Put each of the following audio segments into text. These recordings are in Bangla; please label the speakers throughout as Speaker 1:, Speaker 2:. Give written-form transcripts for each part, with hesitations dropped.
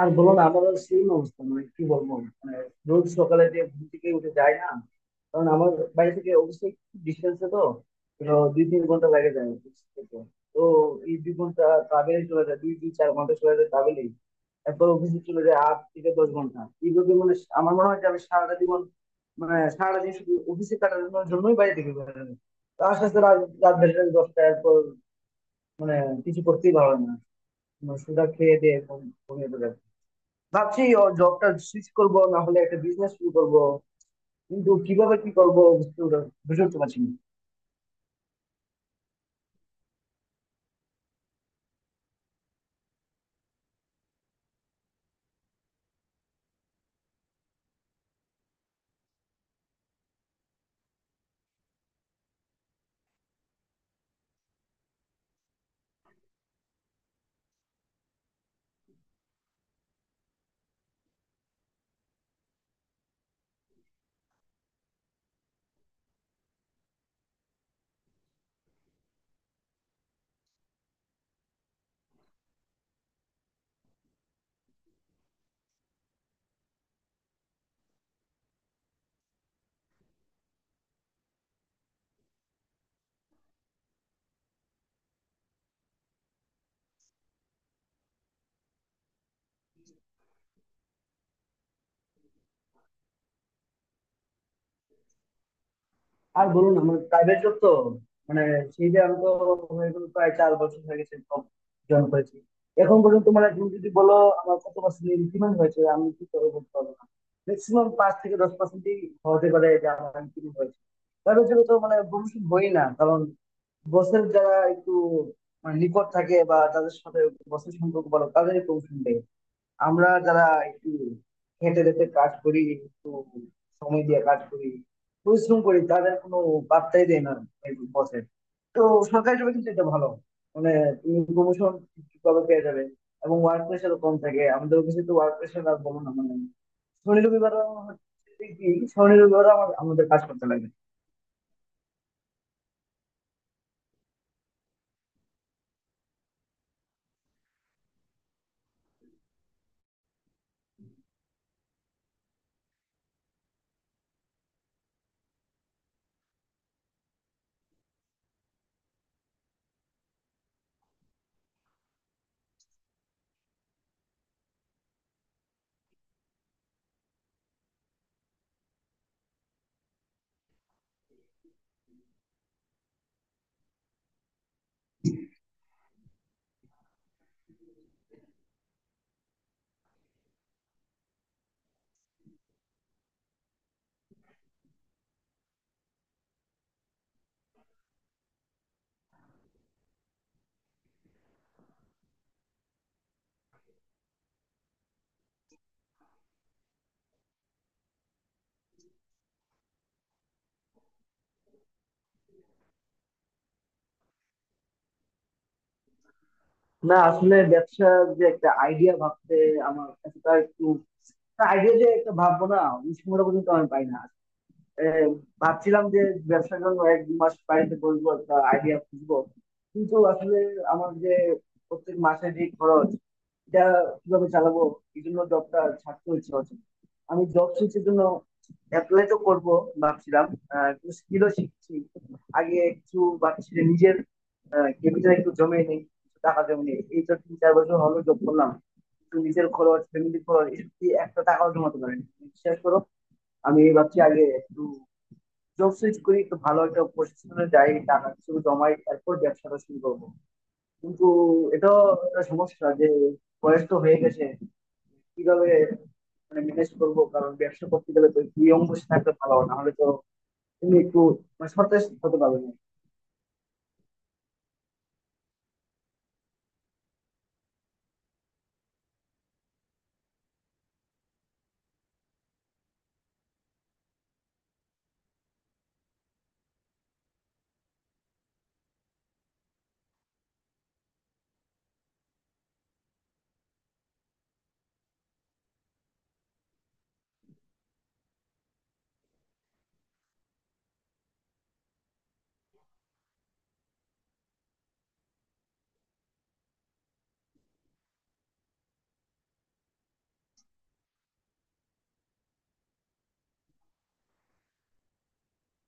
Speaker 1: আর বলো না, আমারও সেম অবস্থা। মানে কি বলবো, মানে রোজ সকালে যে ঘুম থেকে উঠে যায় না। কারণ আমার বাড়ি থেকে অবশ্যই ডিস্টেন্সে তো তো 2-3 ঘন্টা লাগে যায় office থেকে। তো এই 2 ঘন্টা ট্রাভেলে চলে যায়, দুই দুই 4 ঘন্টা চলে যায় ট্রাভেলেই। তারপর অফিসে চলে যায় 8-10 ঘন্টা। এইভাবে মানে আমার মনে হয় যে আমি সারাটা জীবন, মানে সারাটা দিন শুধু অফিসে কাটানোর জন্যই বাড়ি থেকে বেরোনো। তো আস্তে আস্তে রাত রাত বেড়ে যায় 10টা। এরপর মানে কিছু করতেই ভালো লাগে না। মানে সোজা খেয়ে দিয়ে ঘুমিয়ে পড়ে। ভাবছি ও জবটা সুইচ করবো, না হলে একটা বিজনেস শুরু করব। কিন্তু কিভাবে কি করব বুঝে উঠতে পারছি না। আর বলুন, আমার প্রাইভেট জব তো। মানে সেই যে আমি তো হয়ে গেলো, প্রায় 4 বছর হয়ে গেছে জয়েন করেছি। এখন পর্যন্ত মানে তুমি যদি বলো আমার কত পার্সেন্ট ইনক্রিমেন্ট হয়েছে, আমি কি করে বলতে পারবো না। ম্যাক্সিমাম 5-10%-ই হতে পারে যে আমার ইনক্রিমেন্ট হয়েছে। প্রাইভেট জবে তো মানে প্রমোশন হই না, কারণ বসের যারা একটু মানে নিকট থাকে বা তাদের সাথে বসের সম্পর্ক বলো, তাদেরই প্রমোশন। আমরা যারা একটু খেটে খেটে কাজ করি, একটু সময় দিয়ে কাজ করি, পরিশ্রম করি, তাদের কোনো পাত্তাই দেয় না বসের। তো সরকারি জবে কিন্তু এটা ভালো, মানে তুমি প্রমোশন ঠিকভাবে পেয়ে যাবে এবং ওয়ার্ক প্রেশারও কম থাকে। আমাদের অফিসে তো ওয়ার্ক প্রেশার আর বলো না, মানে শনি রবিবার হচ্ছে কি, শনি রবিবার আমার আমাদের কাজ করতে লাগে। না, আসলে ব্যবসার যে একটা আইডিয়া ভাবতে আমার কাছে তা একটু, আইডিয়া যে একটা ভাববো, না ওই সময়টা পর্যন্ত আমি পাই না। এ, ভাবছিলাম যে ব্যবসার জন্য 1-2 মাস বাড়িতে বসবো, একটা আইডিয়া খুঁজবো। কিন্তু আসলে আমার যে প্রত্যেক মাসে যে খরচ, এটা কিভাবে চালাবো, এই জন্য জবটা ছাড়তে হচ্ছে অচেনা। আমি জব সুইচের জন্য অ্যাপ্লাই তো করবো ভাবছিলাম। কিছু স্কিলও শিখছি। আগে কিছু ভাবছি যে নিজের ক্যাপিটাল একটু জমে নেই, কিছু টাকা জমে নেই। এই তো 3-4 বছর হলো জব করলাম, কিন্তু নিজের খরচ, ফ্যামিলি খরচ এসব দিয়ে একটা টাকাও জমাতে পারেনি, বিশ্বাস করো। আমি এই ভাবছি আগে একটু জব সুইচ করি তো, ভালো একটা পজিশনে যাই, টাকা কিছু জমাই, তারপর ব্যবসাটা শুরু করবো। কিন্তু এটা একটা সমস্যা যে বয়স তো হয়ে গেছে, কিভাবে মানে ম্যানেজ করবো। কারণ ব্যবসা করতে গেলে তো দুই অঙ্গ থাকতে ভালো, না হলে তো তুমি একটু মানে সতেজ হতে পারবে না।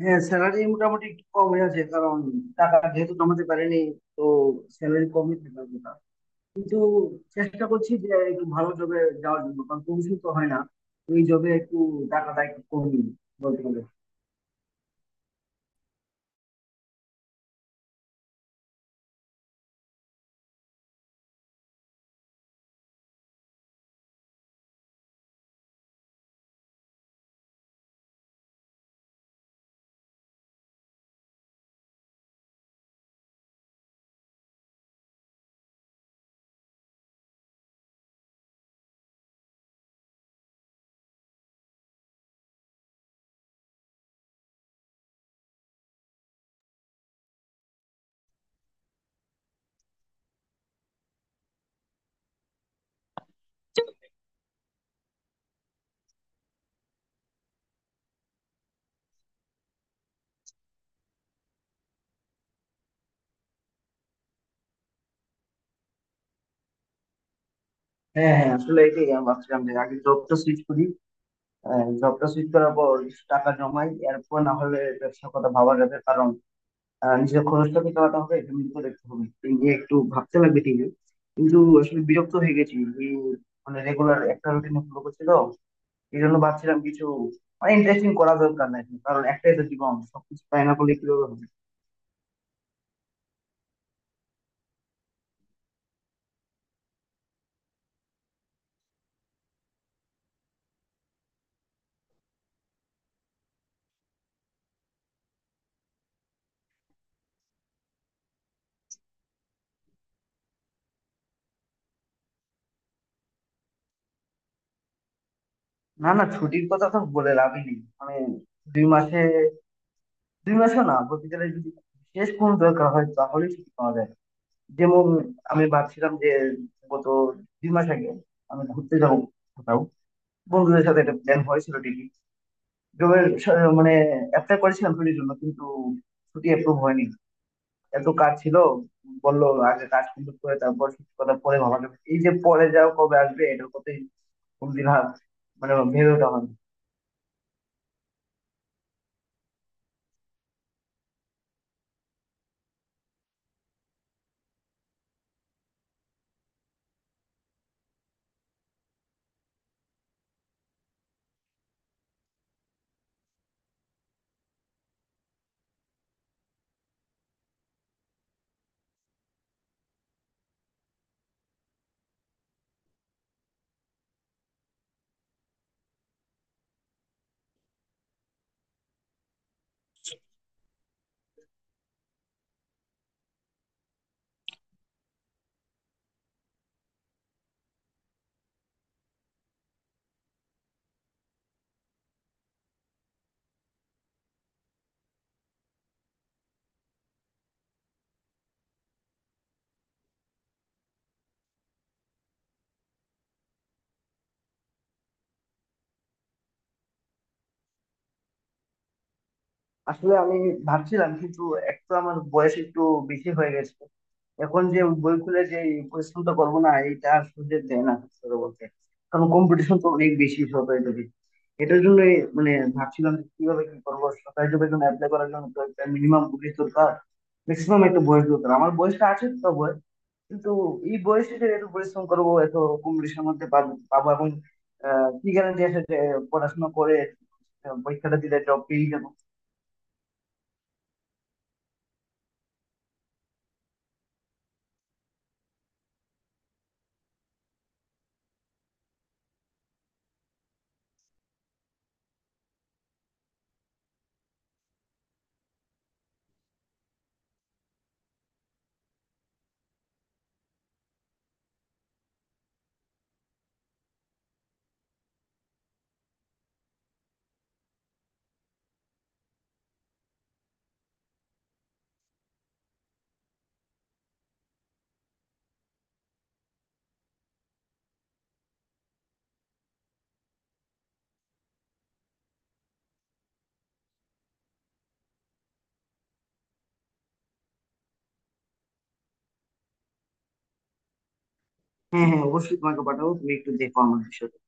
Speaker 1: হ্যাঁ, স্যালারি মোটামুটি একটু কমই আছে, কারণ টাকা যেহেতু জমাতে পারিনি, তো স্যালারি কমই থাকার কথা। কিন্তু চেষ্টা করছি যে একটু ভালো জবে যাওয়ার জন্য, কারণ কমিশন তো হয় না ওই জবে, একটু টাকাটা একটু কমই বলতে গেলে। হ্যাঁ হ্যাঁ, আসলে এটাই আমি ভাবছিলাম যে আগে জবটা সুইচ করি, জবটা সুইচ করার পর কিছু টাকা জমাই, এরপর না হলে ব্যবসার কথা ভাবা যাবে। কারণ নিজের খরচটা তো চালাতে হবে, ফ্যামিলিকে দেখতে হবে, এই নিয়ে একটু ভাবতে লাগবে ঠিকই। কিন্তু আসলে বিরক্ত হয়ে গেছি এই, মানে রেগুলার একটা রুটিন ফলো করছি তো, এই জন্য ভাবছিলাম কিছু মানে ইন্টারেস্টিং করা দরকার নাই। কারণ একটাই তো জীবন, সবকিছু তাই না করলে কিভাবে হবে। না না, ছুটির কথা তো বলে লাভই নেই। মানে দুই মাসে দুই মাসও না বলতে গেলে, যদি শেষ কোন দরকার হয় তাহলে ছুটি পাওয়া যায়। যেমন আমি ভাবছিলাম যে গত 2 মাস আগে আমি ঘুরতে যাব কোথাও বন্ধুদের সাথে, একটা প্ল্যান হয়েছিল ঠিকই। জবের মানে অ্যাপ্লাই করেছিলাম ছুটির জন্য, কিন্তু ছুটি অ্যাপ্রুভ হয়নি। এত কাজ ছিল, বললো আগে কাজ কমপ্লিট করে তারপর ছুটির কথা পরে ভাবা যাবে, এই যে পরে যাও কবে আসবে এটার কথাই কোনদিন ভাব মানে ভেবে ওঠা হয়নি। আসলে আমি ভাবছিলাম কিন্তু, এক তো আমার বয়স একটু বেশি হয়ে গেছে। এখন যে বই খুলে যে এই পরিশ্রমটা করবো না, এইটা আর সুযোগ দেয় না সত্যি কথা বলতে। কারণ কম্পিটিশন তো অনেক বেশি সরকারি চাকরি এটার জন্য। মানে ভাবছিলাম যে কিভাবে কি করবো, সরকারি জবের জন্য অ্যাপ্লাই করার জন্য তো একটা মিনিমাম বয়স দরকার, ম্যাক্সিমাম একটা বয়স দরকার। আমার বয়সটা আছে তো বয়স, কিন্তু এই বয়সে যে এত পরিশ্রম করবো, এত কম্পিটিশনের মধ্যে পাবো, এবং কি গ্যারান্টি আছে যে পড়াশোনা করে পরীক্ষাটা দিলে জব পেয়ে যাবো। হ্যাঁ হ্যাঁ, অবশ্যই তোমাকে পাঠাবো, তুমি একটু দেখো আমার বিষয়টা।